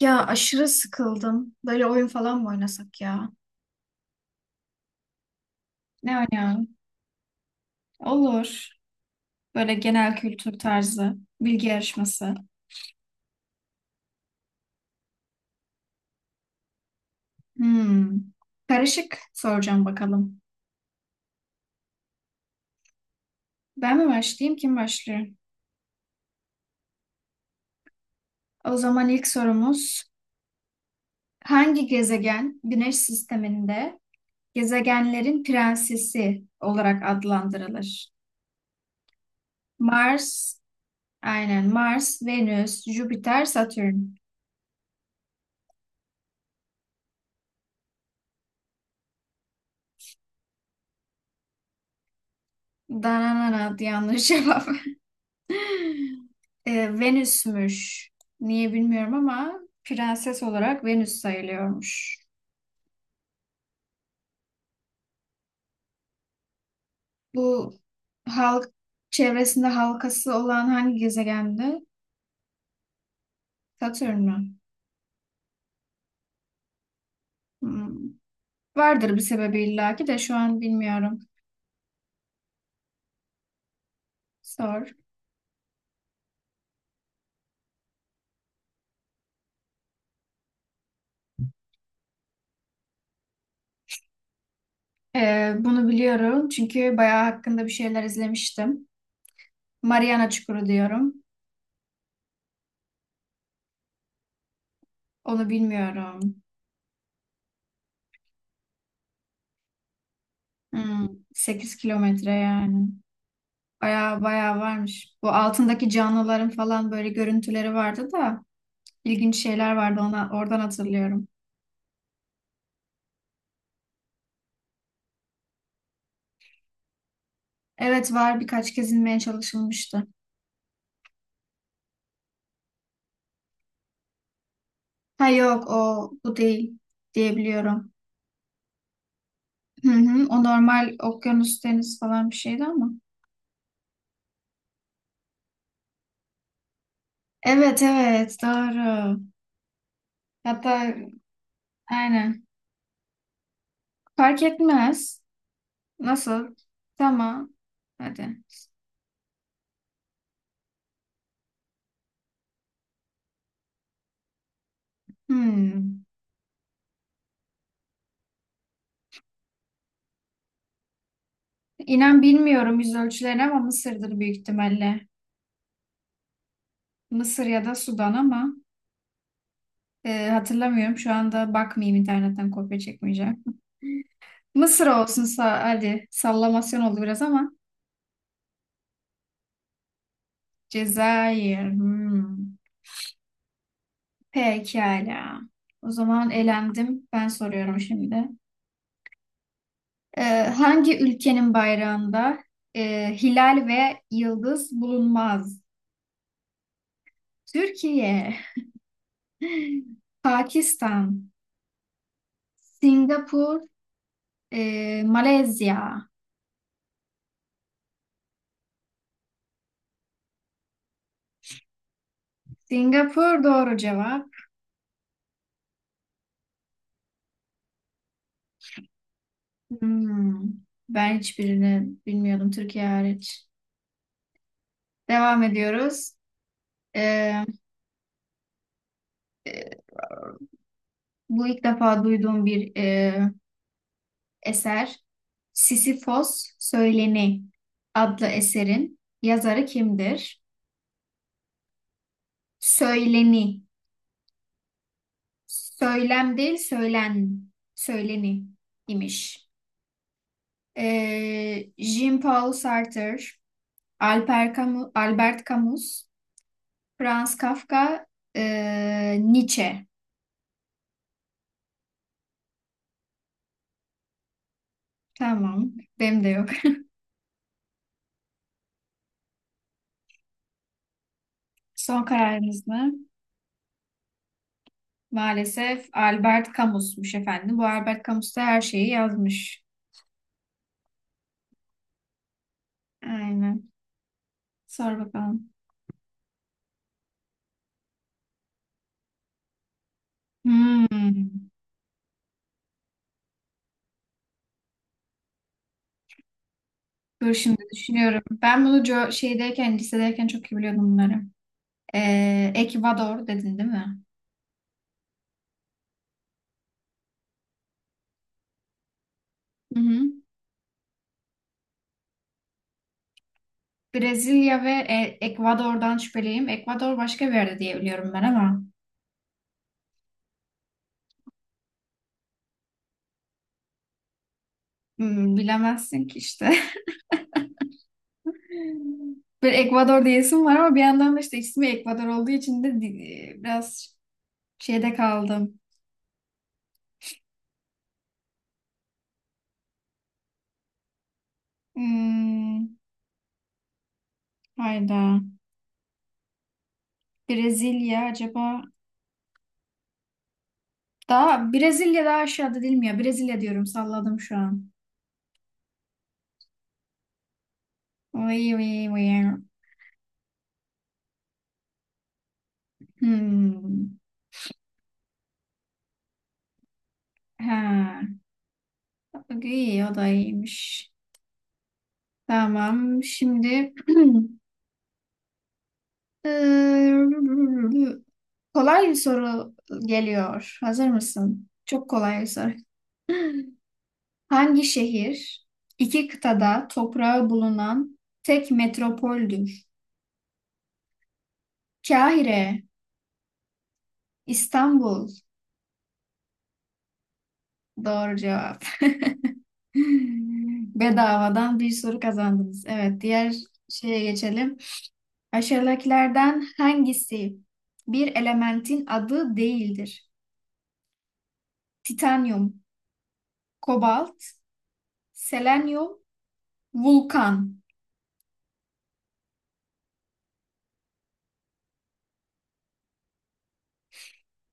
Ya aşırı sıkıldım. Böyle oyun falan mı oynasak ya? Ne oynayalım? Olur. Böyle genel kültür tarzı, bilgi yarışması. Hmm. Karışık soracağım bakalım. Ben mi başlayayım, kim başlıyor? O zaman ilk sorumuz hangi gezegen Güneş sisteminde gezegenlerin prensesi olarak adlandırılır? Mars, aynen Mars, Venüs, Jüpiter, Satürn. Dananana yanlış cevap. Venüs'müş. Niye bilmiyorum ama prenses olarak Venüs sayılıyormuş. Bu halk çevresinde halkası olan hangi gezegendi? Satürn mü? Hmm. Vardır bir sebebi illaki de şu an bilmiyorum. Sor. Bunu biliyorum çünkü bayağı hakkında bir şeyler izlemiştim. Mariana Çukuru diyorum. Onu bilmiyorum. Hmm, 8 kilometre yani. Bayağı bayağı varmış. Bu altındaki canlıların falan böyle görüntüleri vardı da. İlginç şeyler vardı ona, oradan hatırlıyorum. Evet var birkaç kez inmeye çalışılmıştı. Ha yok o bu değil diyebiliyorum. Hı hı, o normal okyanus deniz falan bir şeydi ama. Evet evet doğru. Hatta aynen. Fark etmez. Nasıl? Tamam. Hadi. Hmm. İnan bilmiyorum yüz ölçülerini ama Mısır'dır büyük ihtimalle. Mısır ya da Sudan ama hatırlamıyorum. Şu anda bakmayayım internetten kopya çekmeyeceğim. Mısır olsun sa hadi sallamasyon oldu biraz ama Cezayir. Hmm. Pekala. O zaman elendim. Ben soruyorum şimdi. Ee, hangi ülkenin bayrağında hilal ve yıldız bulunmaz? Türkiye, Pakistan, Singapur, Malezya. Singapur doğru cevap. Hmm. Ben hiçbirini bilmiyordum Türkiye hariç. Devam ediyoruz. Ee, Bu ilk defa duyduğum bir eser. Sisifos Söyleni adlı eserin yazarı kimdir? Söyleni. Söylem değil, söylen. Söyleni imiş. E, Jean-Paul Sartre, Alper Camus, Albert Camus, Franz Kafka, Nietzsche. Tamam, benim de yok. Son kararınız mı? Maalesef Albert Camus'muş efendim. Bu Albert Camus da her şeyi yazmış. Aynen. Sor bakalım. Hmm. Dur şimdi düşünüyorum. Ben bunu şeydeyken, lisedeyken çok iyi biliyordum bunları. Ekvador dedin değil mi? Hı hı. Brezilya ve Ekvador'dan şüpheliyim. Ekvador başka bir yerde diye biliyorum ben ama hmm, bilemezsin ki işte. Bir Ekvador diyesim var ama bir yandan da işte ismi Ekvador olduğu için de biraz şeyde kaldım. Hmm. Hayda. Brezilya acaba daha Brezilya daha aşağıda değil mi ya? Brezilya diyorum salladım şu an. Oy, oy, oy. Hmm. Ha. İyi o da iyiymiş. Tamam şimdi eee, kolay bir soru geliyor. Hazır mısın? Çok kolay bir soru. Hangi şehir iki kıtada toprağı bulunan tek metropoldür? Kahire, İstanbul. Doğru cevap. Bedavadan bir soru kazandınız. Evet, diğer şeye geçelim. Aşağıdakilerden hangisi bir elementin adı değildir? Titanyum, kobalt, selenyum, vulkan.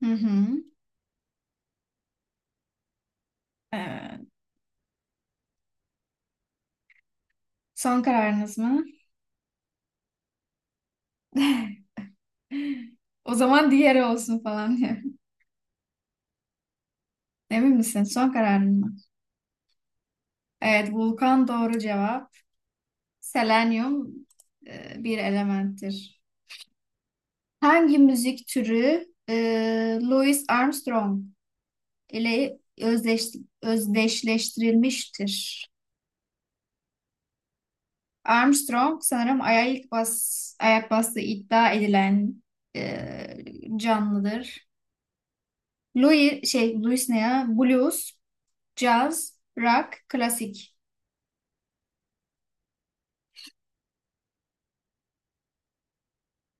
Hı hı. Ee, son kararınız mı? O zaman diğeri olsun falan diyor. Emin misin? Son kararın mı? Evet, vulkan doğru cevap. Selenyum bir elementtir. Hangi müzik türü Louis Armstrong ile özdeş, özdeşleştirilmiştir? Armstrong sanırım ayak bastığı iddia edilen e, canlıdır. Louis ne ya? Blues, caz, rock, klasik.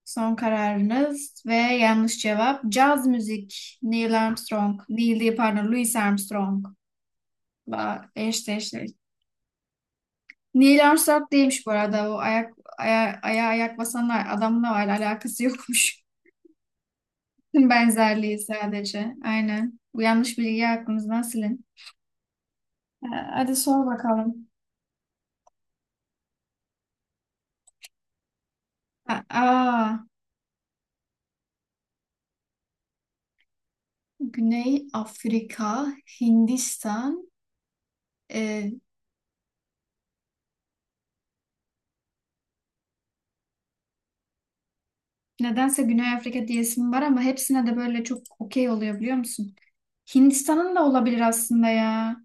Son kararınız ve yanlış cevap caz müzik Neil Armstrong. Neil değil pardon Louis Armstrong. Eşleşti. Neil Armstrong değilmiş bu arada. O ayağa ayak basan adamla var. Alakası yokmuş. Benzerliği sadece. Aynen. Bu yanlış bilgiyi aklımızdan silin. Ha, hadi sor bakalım. Ha, aa, Güney Afrika, Hindistan. Ee, nedense Güney Afrika diyesim var ama hepsine de böyle çok okey oluyor biliyor musun? Hindistan'ın da olabilir aslında ya.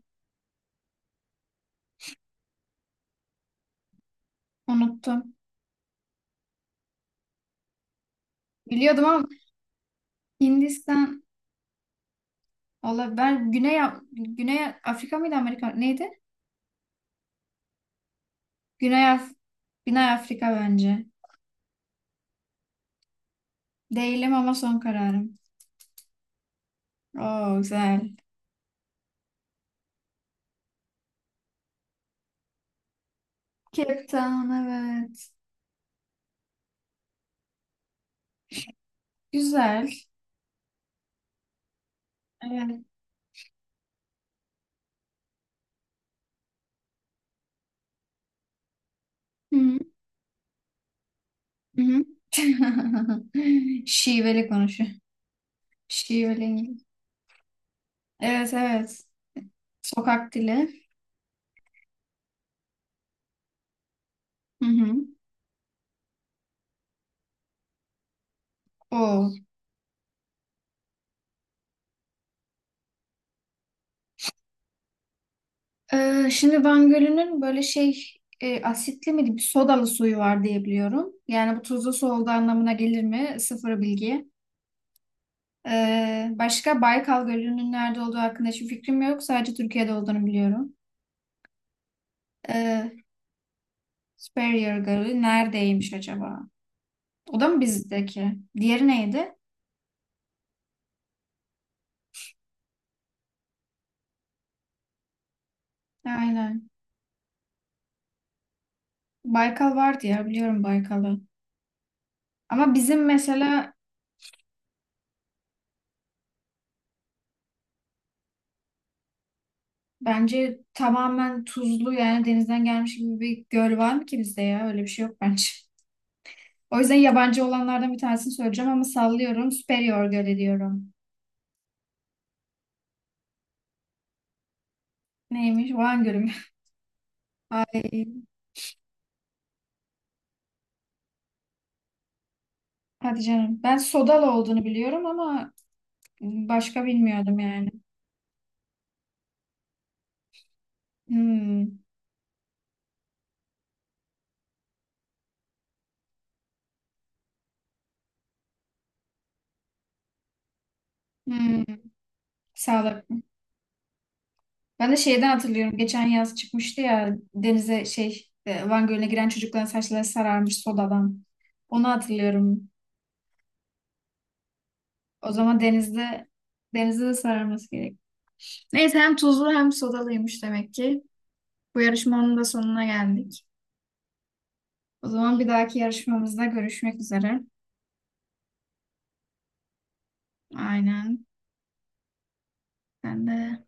Unuttum. Biliyordum ama Hindistan olabilir. Güney Afrika mıydı Amerika? Neydi? Güney, Af Güney Afrika bence. Değilim ama son kararım. Oo güzel. Cape Town evet. Güzel. Evet. Hı hı. Hı. Şiveli konuşuyor. Şiveli İngiliz. Evet evet. Sokak dili. Hı hı. O. Şimdi Van Gölü'nün asitli mi bir sodalı suyu var diye biliyorum. Yani bu tuzlu su olduğu anlamına gelir mi? Sıfır bilgi. Başka Baykal Gölü'nün nerede olduğu hakkında hiçbir fikrim yok. Sadece Türkiye'de olduğunu biliyorum. Ee, Superior Gölü neredeymiş acaba? O da mı bizdeki? Diğeri neydi? Aynen. Baykal vardı ya biliyorum Baykal'ı. Ama bizim mesela bence tamamen tuzlu yani denizden gelmiş gibi bir göl var mı ki bizde ya? Öyle bir şey yok bence. O yüzden yabancı olanlardan bir tanesini söyleyeceğim ama sallıyorum. Superior Gölü diyorum. Neymiş? Van Gölü mü? Ay. Hadi canım. Ben sodalı olduğunu biliyorum ama başka bilmiyordum yani. Hmm. Hmm. Sağlık. Ben de şeyden hatırlıyorum. Geçen yaz çıkmıştı ya denize Van Gölü'ne giren çocukların saçları sararmış sodadan. Onu hatırlıyorum. O zaman denizde de sararması gerek. Neyse hem tuzlu hem sodalıymış demek ki. Bu yarışmanın da sonuna geldik. O zaman bir dahaki yarışmamızda görüşmek üzere. Aynen. Ben de